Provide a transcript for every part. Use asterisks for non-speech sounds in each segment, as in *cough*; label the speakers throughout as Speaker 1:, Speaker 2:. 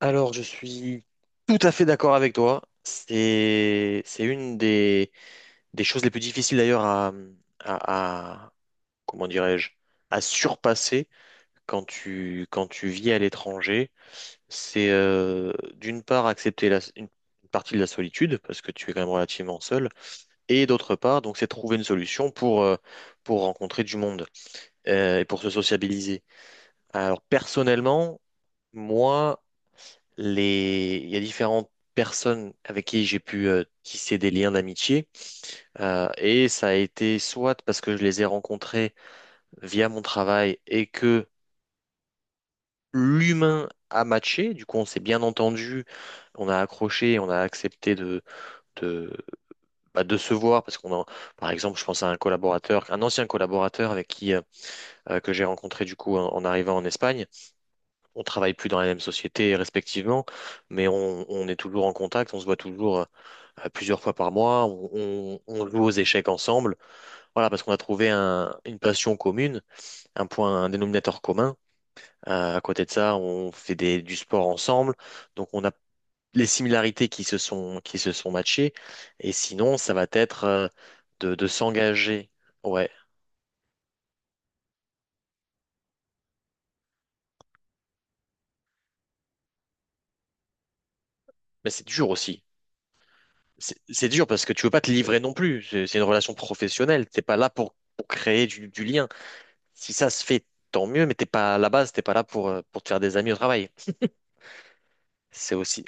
Speaker 1: Alors, je suis tout à fait d'accord avec toi. C'est une des choses les plus difficiles d'ailleurs à, à, à- comment dirais-je, à surpasser quand tu vis à l'étranger. C'est d'une part accepter une partie de la solitude parce que tu es quand même relativement seul, et d'autre part donc c'est trouver une solution pour rencontrer du monde, et pour se sociabiliser. Alors personnellement, moi il y a différentes personnes avec qui j'ai pu tisser des liens d'amitié. Et ça a été soit parce que je les ai rencontrés via mon travail et que l'humain a matché, du coup on s'est bien entendu, on a accroché, on a accepté de, de se voir parce qu'on a... Par exemple, je pense à un collaborateur, un ancien collaborateur avec qui que j'ai rencontré du coup en arrivant en Espagne. On travaille plus dans la même société respectivement, mais on est toujours en contact, on se voit toujours plusieurs fois par mois. On joue aux échecs ensemble. Voilà, parce qu'on a trouvé une passion commune, un point, un dénominateur commun. À côté de ça, on fait du sport ensemble. Donc, on a les similarités qui se sont matchées. Et sinon, ça va être de s'engager. Ouais, mais c'est dur aussi. C'est dur parce que tu veux pas te livrer non plus. C'est une relation professionnelle. T'es pas là pour créer du lien. Si ça se fait, tant mieux, mais t'es pas à la base, t'es pas là pour te faire des amis au travail. C'est aussi,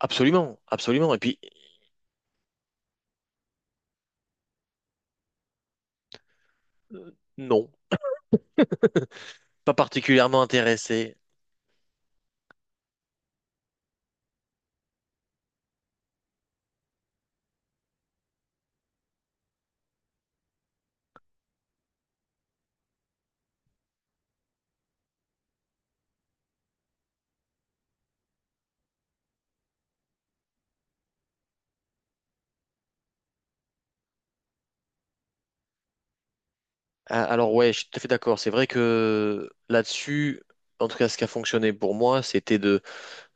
Speaker 1: absolument, absolument. Et puis, non, pas particulièrement intéressé. Alors, ouais, je suis tout à fait d'accord. C'est vrai que là-dessus, en tout cas, ce qui a fonctionné pour moi, c'était de,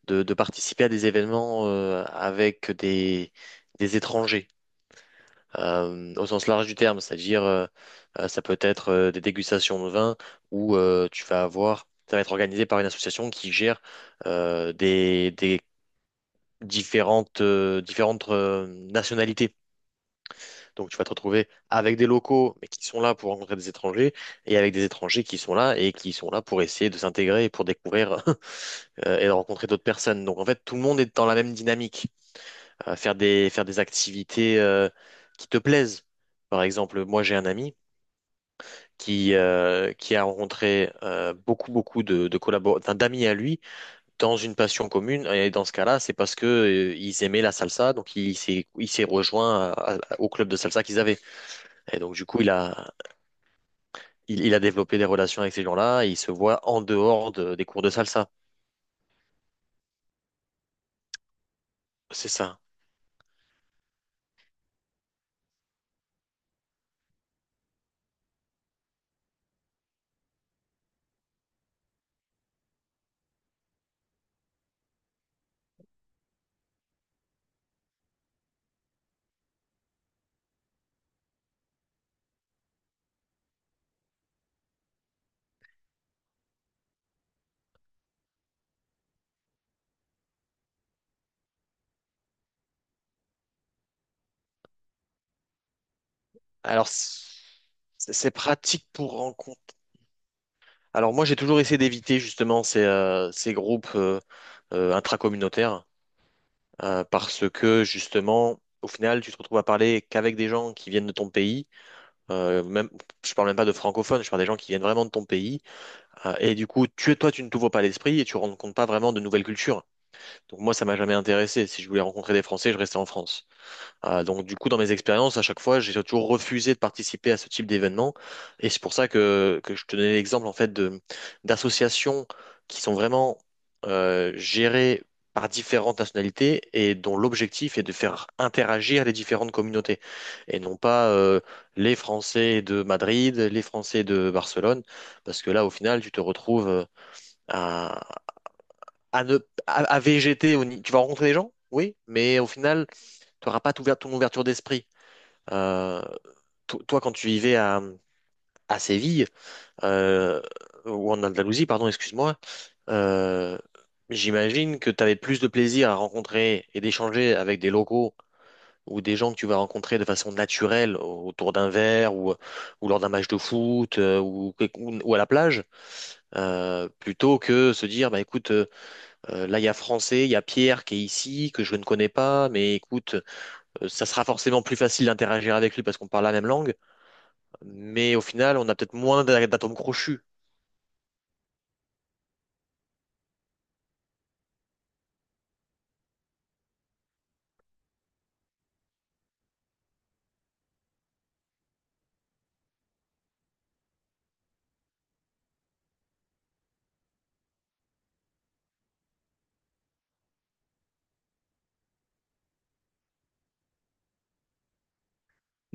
Speaker 1: de, de participer à des événements avec des étrangers, au sens large du terme. C'est-à-dire, ça peut être des dégustations de vin où tu vas avoir, ça va être organisé par une association qui gère des différentes nationalités. Donc tu vas te retrouver avec des locaux, mais qui sont là pour rencontrer des étrangers, et avec des étrangers qui sont là et qui sont là pour essayer de s'intégrer et pour découvrir *laughs* et de rencontrer d'autres personnes. Donc en fait, tout le monde est dans la même dynamique. Faire des activités qui te plaisent. Par exemple, moi j'ai un ami qui a rencontré beaucoup, beaucoup de d'amis à lui dans une passion commune. Et dans ce cas-là, c'est parce que ils aimaient la salsa, donc il s'est rejoint au club de salsa qu'ils avaient. Et donc, du coup, il a développé des relations avec ces gens-là et il se voit en dehors des cours de salsa. C'est ça. Alors, c'est pratique pour rencontre. Alors, moi, j'ai toujours essayé d'éviter justement ces groupes intracommunautaires, parce que justement, au final, tu te retrouves à parler qu'avec des gens qui viennent de ton pays. Même, je parle même pas de francophones, je parle des gens qui viennent vraiment de ton pays. Et du coup, toi, tu ne t'ouvres pas l'esprit et tu rencontres pas vraiment de nouvelles cultures. Donc, moi, ça m'a jamais intéressé. Si je voulais rencontrer des Français, je restais en France. Donc du coup, dans mes expériences, à chaque fois, j'ai toujours refusé de participer à ce type d'événement. Et c'est pour ça que je te donnais l'exemple en fait de d'associations qui sont vraiment gérées par différentes nationalités et dont l'objectif est de faire interagir les différentes communautés et non pas les Français de Madrid, les Français de Barcelone, parce que là, au final, tu te retrouves à, à ne à végéter. Au ni- Tu vas rencontrer des gens, oui, mais au final, tu n'auras pas tout ouvert ton ouverture d'esprit. Euh, Toi, quand tu vivais à Séville, euh, ou en Andalousie, pardon, excuse-moi, euh, j'imagine que tu avais plus de plaisir à rencontrer et d'échanger avec des locaux ou des gens que tu vas rencontrer de façon naturelle autour d'un verre ou lors d'un match de foot, ou à la plage, plutôt que se dire, bah, écoute, là, il y a Français, il y a Pierre qui est ici, que je ne connais pas, mais écoute, ça sera forcément plus facile d'interagir avec lui parce qu'on parle la même langue. Mais au final, on a peut-être moins d'atomes crochus.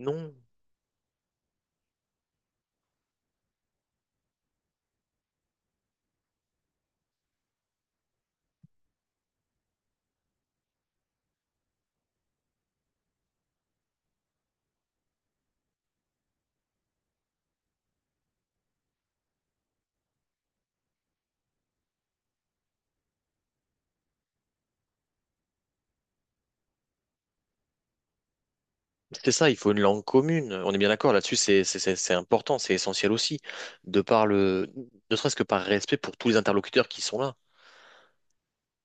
Speaker 1: Non, c'est ça, il faut une langue commune. On est bien d'accord là-dessus, c'est important, c'est essentiel aussi, de par le, ne serait-ce que par respect pour tous les interlocuteurs qui sont là.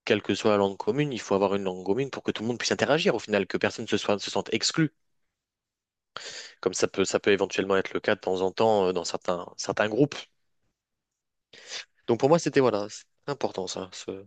Speaker 1: Quelle que soit la langue commune, il faut avoir une langue commune pour que tout le monde puisse interagir au final, que personne ne se sente exclu. Comme ça peut éventuellement être le cas de temps en temps, dans certains, certains groupes. Donc pour moi, c'était voilà, c'est important ça.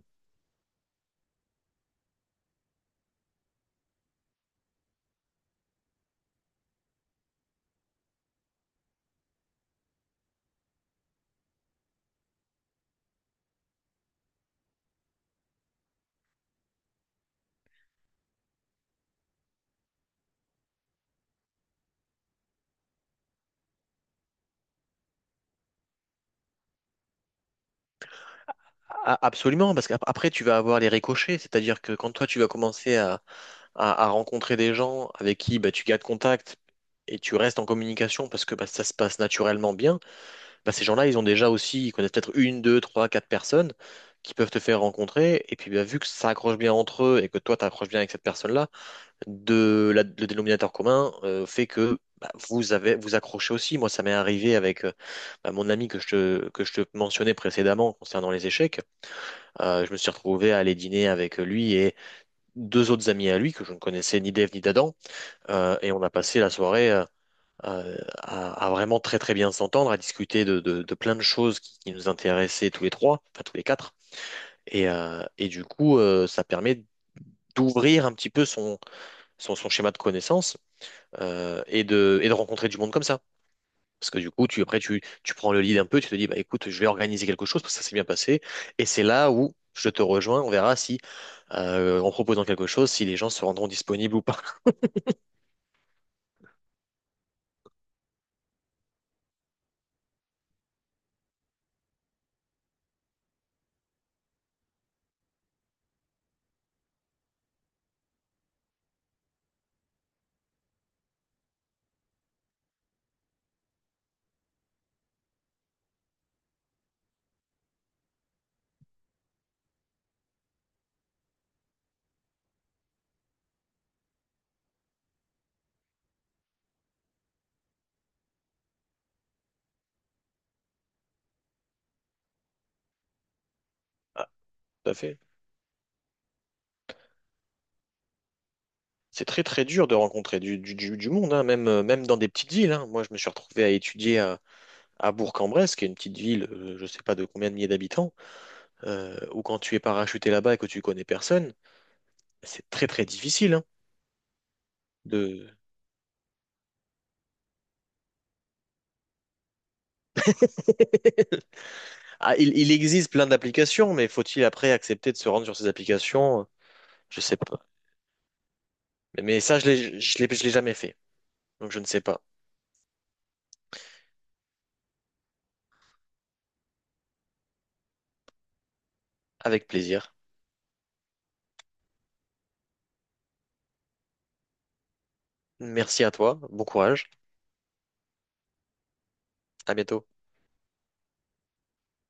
Speaker 1: A- absolument, parce qu'après, tu vas avoir les ricochets, c'est-à-dire que quand toi, tu vas commencer à, à rencontrer des gens avec qui bah, tu gardes contact et tu restes en communication parce que bah, ça se passe naturellement bien, bah, ces gens-là, ils ont déjà aussi, ils connaissent peut-être une, deux, trois, quatre personnes qui peuvent te faire rencontrer. Et puis bah, vu que ça accroche bien entre eux et que toi, tu accroches bien avec cette personne-là, le dénominateur commun fait que bah, vous accrochez aussi. Moi, ça m'est arrivé avec bah, mon ami que je te mentionnais précédemment concernant les échecs. Je me suis retrouvé à aller dîner avec lui et deux autres amis à lui que je ne connaissais ni d'Ève ni d'Adam. Et on a passé la soirée, euh, à vraiment très très bien s'entendre, à discuter de plein de choses qui nous intéressaient tous les trois, enfin tous les quatre. Et du coup, ça permet d'ouvrir un petit peu son schéma de connaissances, et et de rencontrer du monde comme ça. Parce que du coup, après, tu prends le lead un peu, tu te dis, bah écoute, je vais organiser quelque chose parce que ça s'est bien passé. Et c'est là où je te rejoins, on verra si, en proposant quelque chose, si les gens se rendront disponibles ou pas. *laughs* Ah, tout à fait. C'est très très dur de rencontrer du monde, hein, même, même dans des petites villes, hein. Moi, je me suis retrouvé à étudier à Bourg-en-Bresse, qui est une petite ville, je sais pas de combien de milliers d'habitants. Ou quand tu es parachuté là-bas et que tu connais personne, c'est très très difficile, hein, de... *laughs* Ah, il existe plein d'applications, mais faut-il après accepter de se rendre sur ces applications? Je sais pas. Mais ça, je l'ai jamais fait, donc je ne sais pas. Avec plaisir. Merci à toi, bon courage, à bientôt.